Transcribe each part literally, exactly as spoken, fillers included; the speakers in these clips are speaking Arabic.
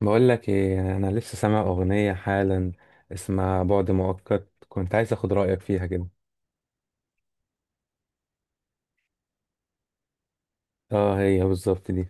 بقول لك ايه؟ انا لسه سامع اغنيه حالا اسمها بعد مؤقت، كنت عايز اخد رايك فيها كده. اه، هي بالظبط دي.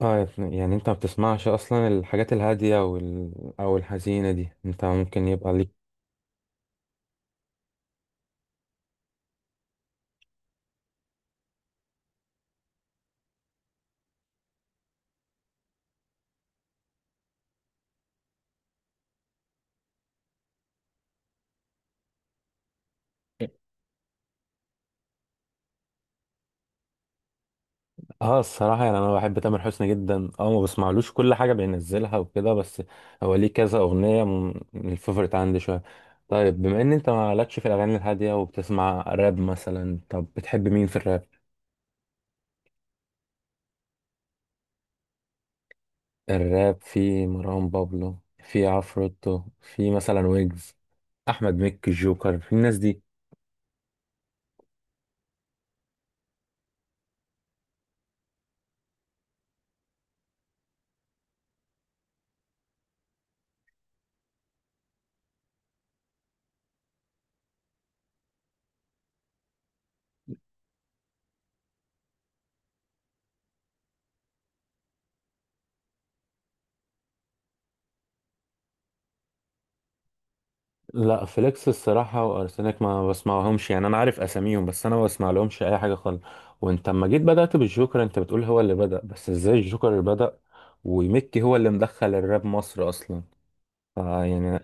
اه يا ابني، يعني انت ما بتسمعش اصلا الحاجات الهاديه او ال... او الحزينه دي؟ انت ممكن يبقى ليك. اه، الصراحه يعني انا بحب تامر حسني جدا، اه ما بسمعلوش كل حاجه بينزلها وكده، بس هو ليه كذا اغنيه من الفيفوريت عندي شويه. طيب، بما ان انت مالكش في الاغاني الهاديه وبتسمع راب مثلا، طب بتحب مين في الراب؟ الراب، في مروان بابلو، في عفروتو، في مثلا ويجز، احمد مكي، الجوكر، في الناس دي. لا، فليكس الصراحه وارسنال ما بسمعهمش، يعني انا عارف اساميهم بس انا ما بسمع لهمش اي حاجه خالص. وانت اما جيت بدات بالجوكر، انت بتقول هو اللي بدا، بس ازاي الجوكر اللي بدا ومكي هو اللي مدخل الراب مصر اصلا؟ فيعني.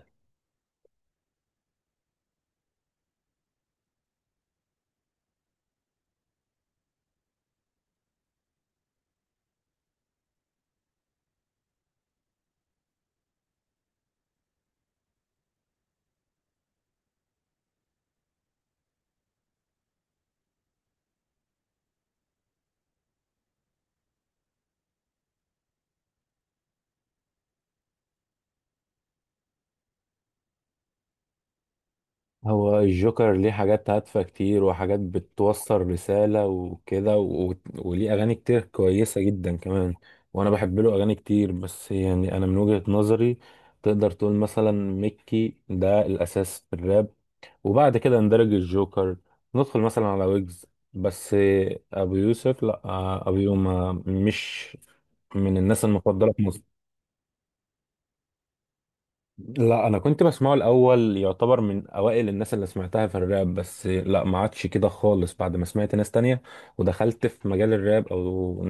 هو الجوكر ليه حاجات هادفة كتير، وحاجات بتوصل رسالة وكده، و... وليه أغاني كتير كويسة جدا كمان. وأنا بحب له أغاني كتير، بس يعني أنا من وجهة نظري تقدر تقول مثلا ميكي ده الأساس في الراب، وبعد كده ندرج الجوكر، ندخل مثلا على ويجز بس. أبو يوسف لأ، أبو يوم مش من الناس المفضلة في مصر. لا، انا كنت بسمعه الاول، يعتبر من اوائل الناس اللي سمعتها في الراب، بس لا ما عادش كده خالص بعد ما سمعت ناس تانية ودخلت في مجال الراب او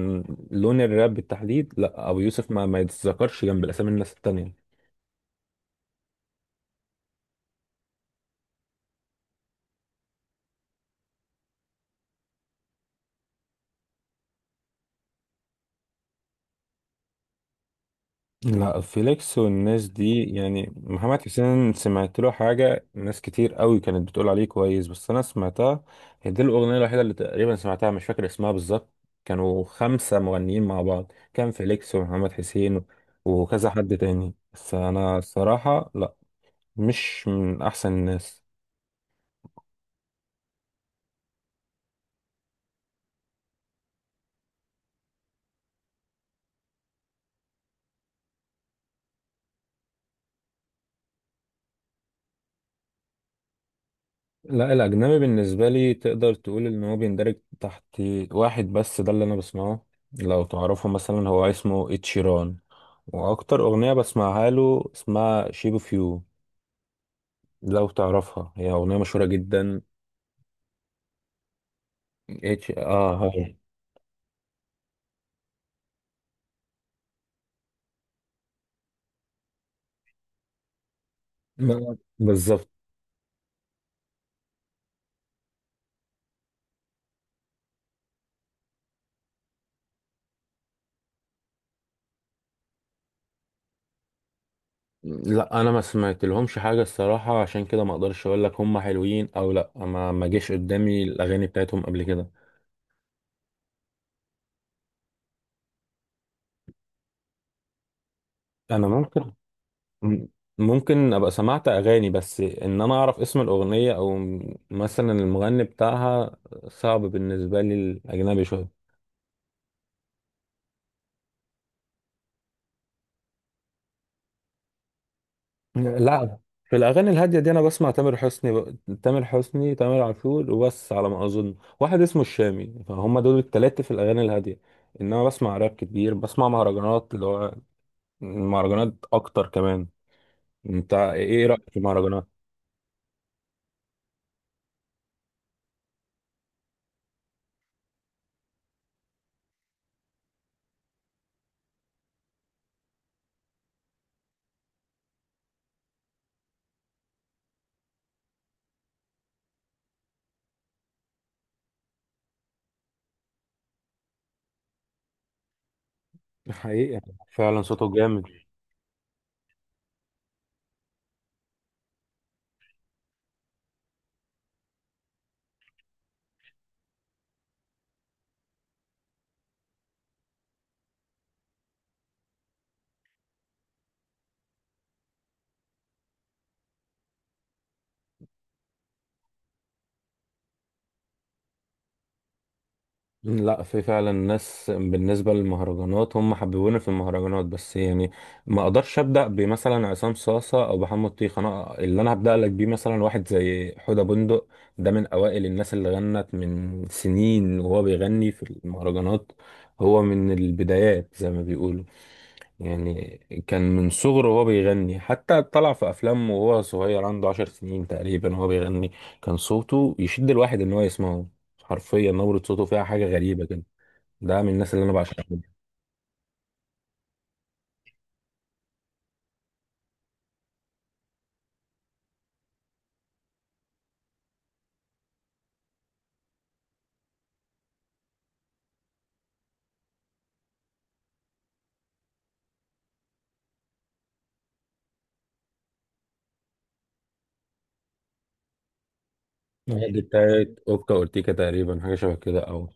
لون الراب بالتحديد. لا، ابو يوسف ما ما يتذكرش جنب الاسامي الناس التانية. لا، فيليكس والناس دي، يعني محمد حسين سمعت له حاجة، ناس كتير قوي كانت بتقول عليه كويس بس أنا سمعتها، هي دي الأغنية الوحيدة اللي تقريبا سمعتها، مش فاكر اسمها بالظبط. كانوا خمسة مغنيين مع بعض، كان فيليكس ومحمد حسين وكذا حد تاني، بس أنا الصراحة لا، مش من أحسن الناس. لا، الأجنبي بالنسبة لي تقدر تقول إن هو بيندرج تحت واحد بس، ده اللي أنا بسمعه. لو تعرفه مثلا، هو اسمه إتشيران، واكتر اغنيه بسمعها له اسمها شيب اوف يو، لو تعرفها، هي اغنيه مشهوره جدا. اتش، اه، هاي. ب- بالظبط. لا، انا ما سمعت لهمش حاجه الصراحه، عشان كده ما اقدرش اقول لك هم حلوين او لا، ما ما جيش قدامي الاغاني بتاعتهم قبل كده. انا ممكن م- ممكن ابقى سمعت اغاني بس ان انا اعرف اسم الاغنيه او مثلا المغني بتاعها صعب بالنسبه لي الاجنبي شويه. لا، في الاغاني الهاديه دي انا بسمع تامر حسني ب... تامر حسني تامر عاشور وبس على ما اظن، واحد اسمه الشامي، فهم دول التلاتة في الاغاني الهاديه. انما بسمع راب كتير، بسمع مهرجانات اللي هو المهرجانات اكتر كمان. انت ايه رايك في المهرجانات؟ حقيقي، يعني فعلا صوته جامد. لا، في فعلا ناس بالنسبة للمهرجانات هم حببوني في المهرجانات، بس يعني ما اقدرش ابدأ بمثلا عصام صاصة او محمد طيخ، انا اللي انا هبدأ لك بيه مثلا واحد زي حدى بندق. ده من اوائل الناس اللي غنت من سنين وهو بيغني في المهرجانات، هو من البدايات زي ما بيقولوا، يعني كان من صغره وهو بيغني حتى طلع في افلام وهو صغير عنده عشر سنين تقريبا وهو بيغني. كان صوته يشد الواحد ان هو يسمعه، حرفيا نبرة صوته فيها حاجة غريبة كده. ده من الناس اللي انا بعشقهم. دي بتاعت اوكا اورتيكا تقريبا، حاجه شبه كده او...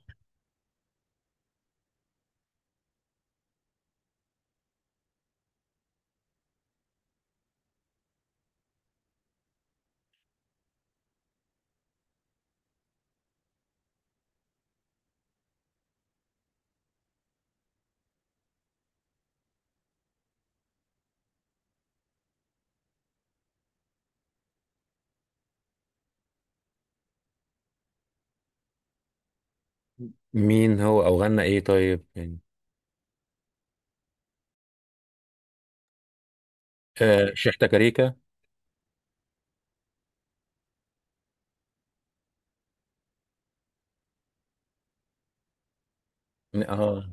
مين هو او غنى ايه؟ طيب يعني. آه، شحتة كاريكا. اه،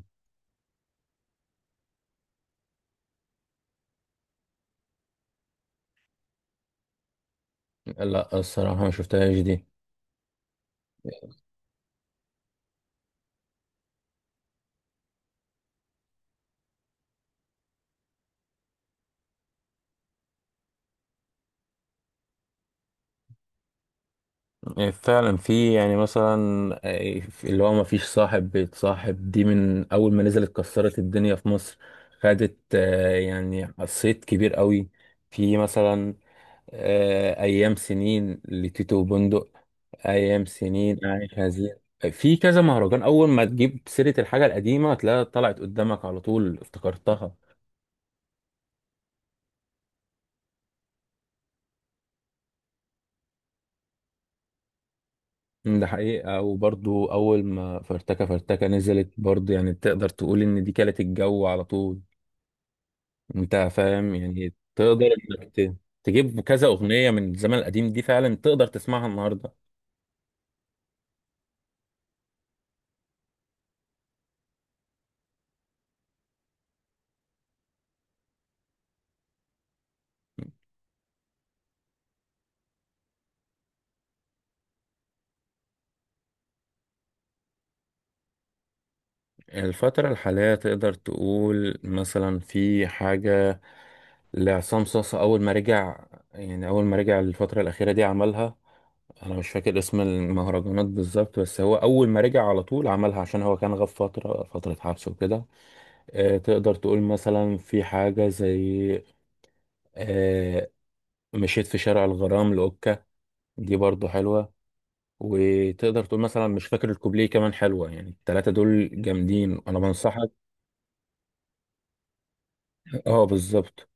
لا الصراحه ما شفتهاش دي. آه، فعلا في يعني مثلا، آه، في- اللي هو ما فيش صاحب بيتصاحب، دي من اول ما نزلت كسرت الدنيا في مصر، خدت آه، يعني صيت كبير قوي. في مثلا آه، ايام سنين لتيتو بندق، ايام سنين عايش هزير. في كذا مهرجان، اول ما تجيب سيره الحاجه القديمه تلاقيها طلعت قدامك على طول، افتكرتها. أمم، ده حقيقه، وبرضو اول ما فرتكه فرتكه نزلت برضو، يعني تقدر تقول ان دي كانت الجو على طول. انت فاهم يعني، تقدر انك ت- تجيب كذا اغنيه من الزمن القديم دي فعلا تقدر تسمعها النهارده. الفترة الحالية تقدر تقول مثلا في حاجة لعصام صاصا أول ما رجع، يعني أول ما رجع الفترة الأخيرة دي عملها. أنا مش فاكر اسم المهرجانات بالظبط، بس هو أول ما رجع على طول عملها عشان هو كان غاب فترة، فترة حبس وكده. آه، تقدر تقول مثلا في حاجة زي آه، مشيت في شارع الغرام لأوكا، دي برضو حلوة. وتقدر تقول مثلا مش فاكر الكوبليه كمان حلوة، يعني التلاتة دول جامدين، أنا بنصحك. اه، بالظبط.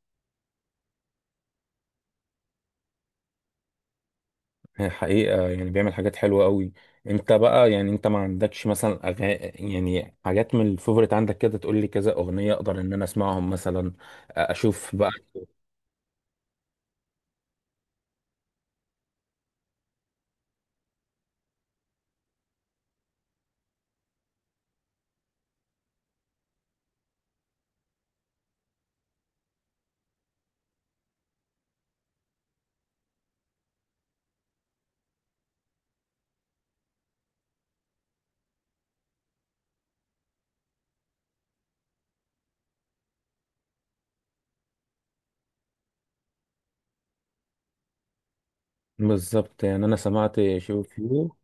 هي حقيقة يعني بيعمل حاجات حلوة قوي. انت بقى يعني انت ما عندكش مثلا أغا... يعني حاجات من الفيفوريت عندك كده تقول لي كذا اغنية اقدر ان انا اسمعهم مثلا اشوف بقى. بالظبط، يعني انا سمعت شوف يو.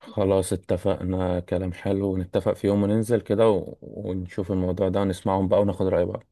خلاص، اتفقنا، كلام حلو، نتفق في يوم وننزل كده و... ونشوف الموضوع ده ونسمعهم بقى وناخد رأي بعض.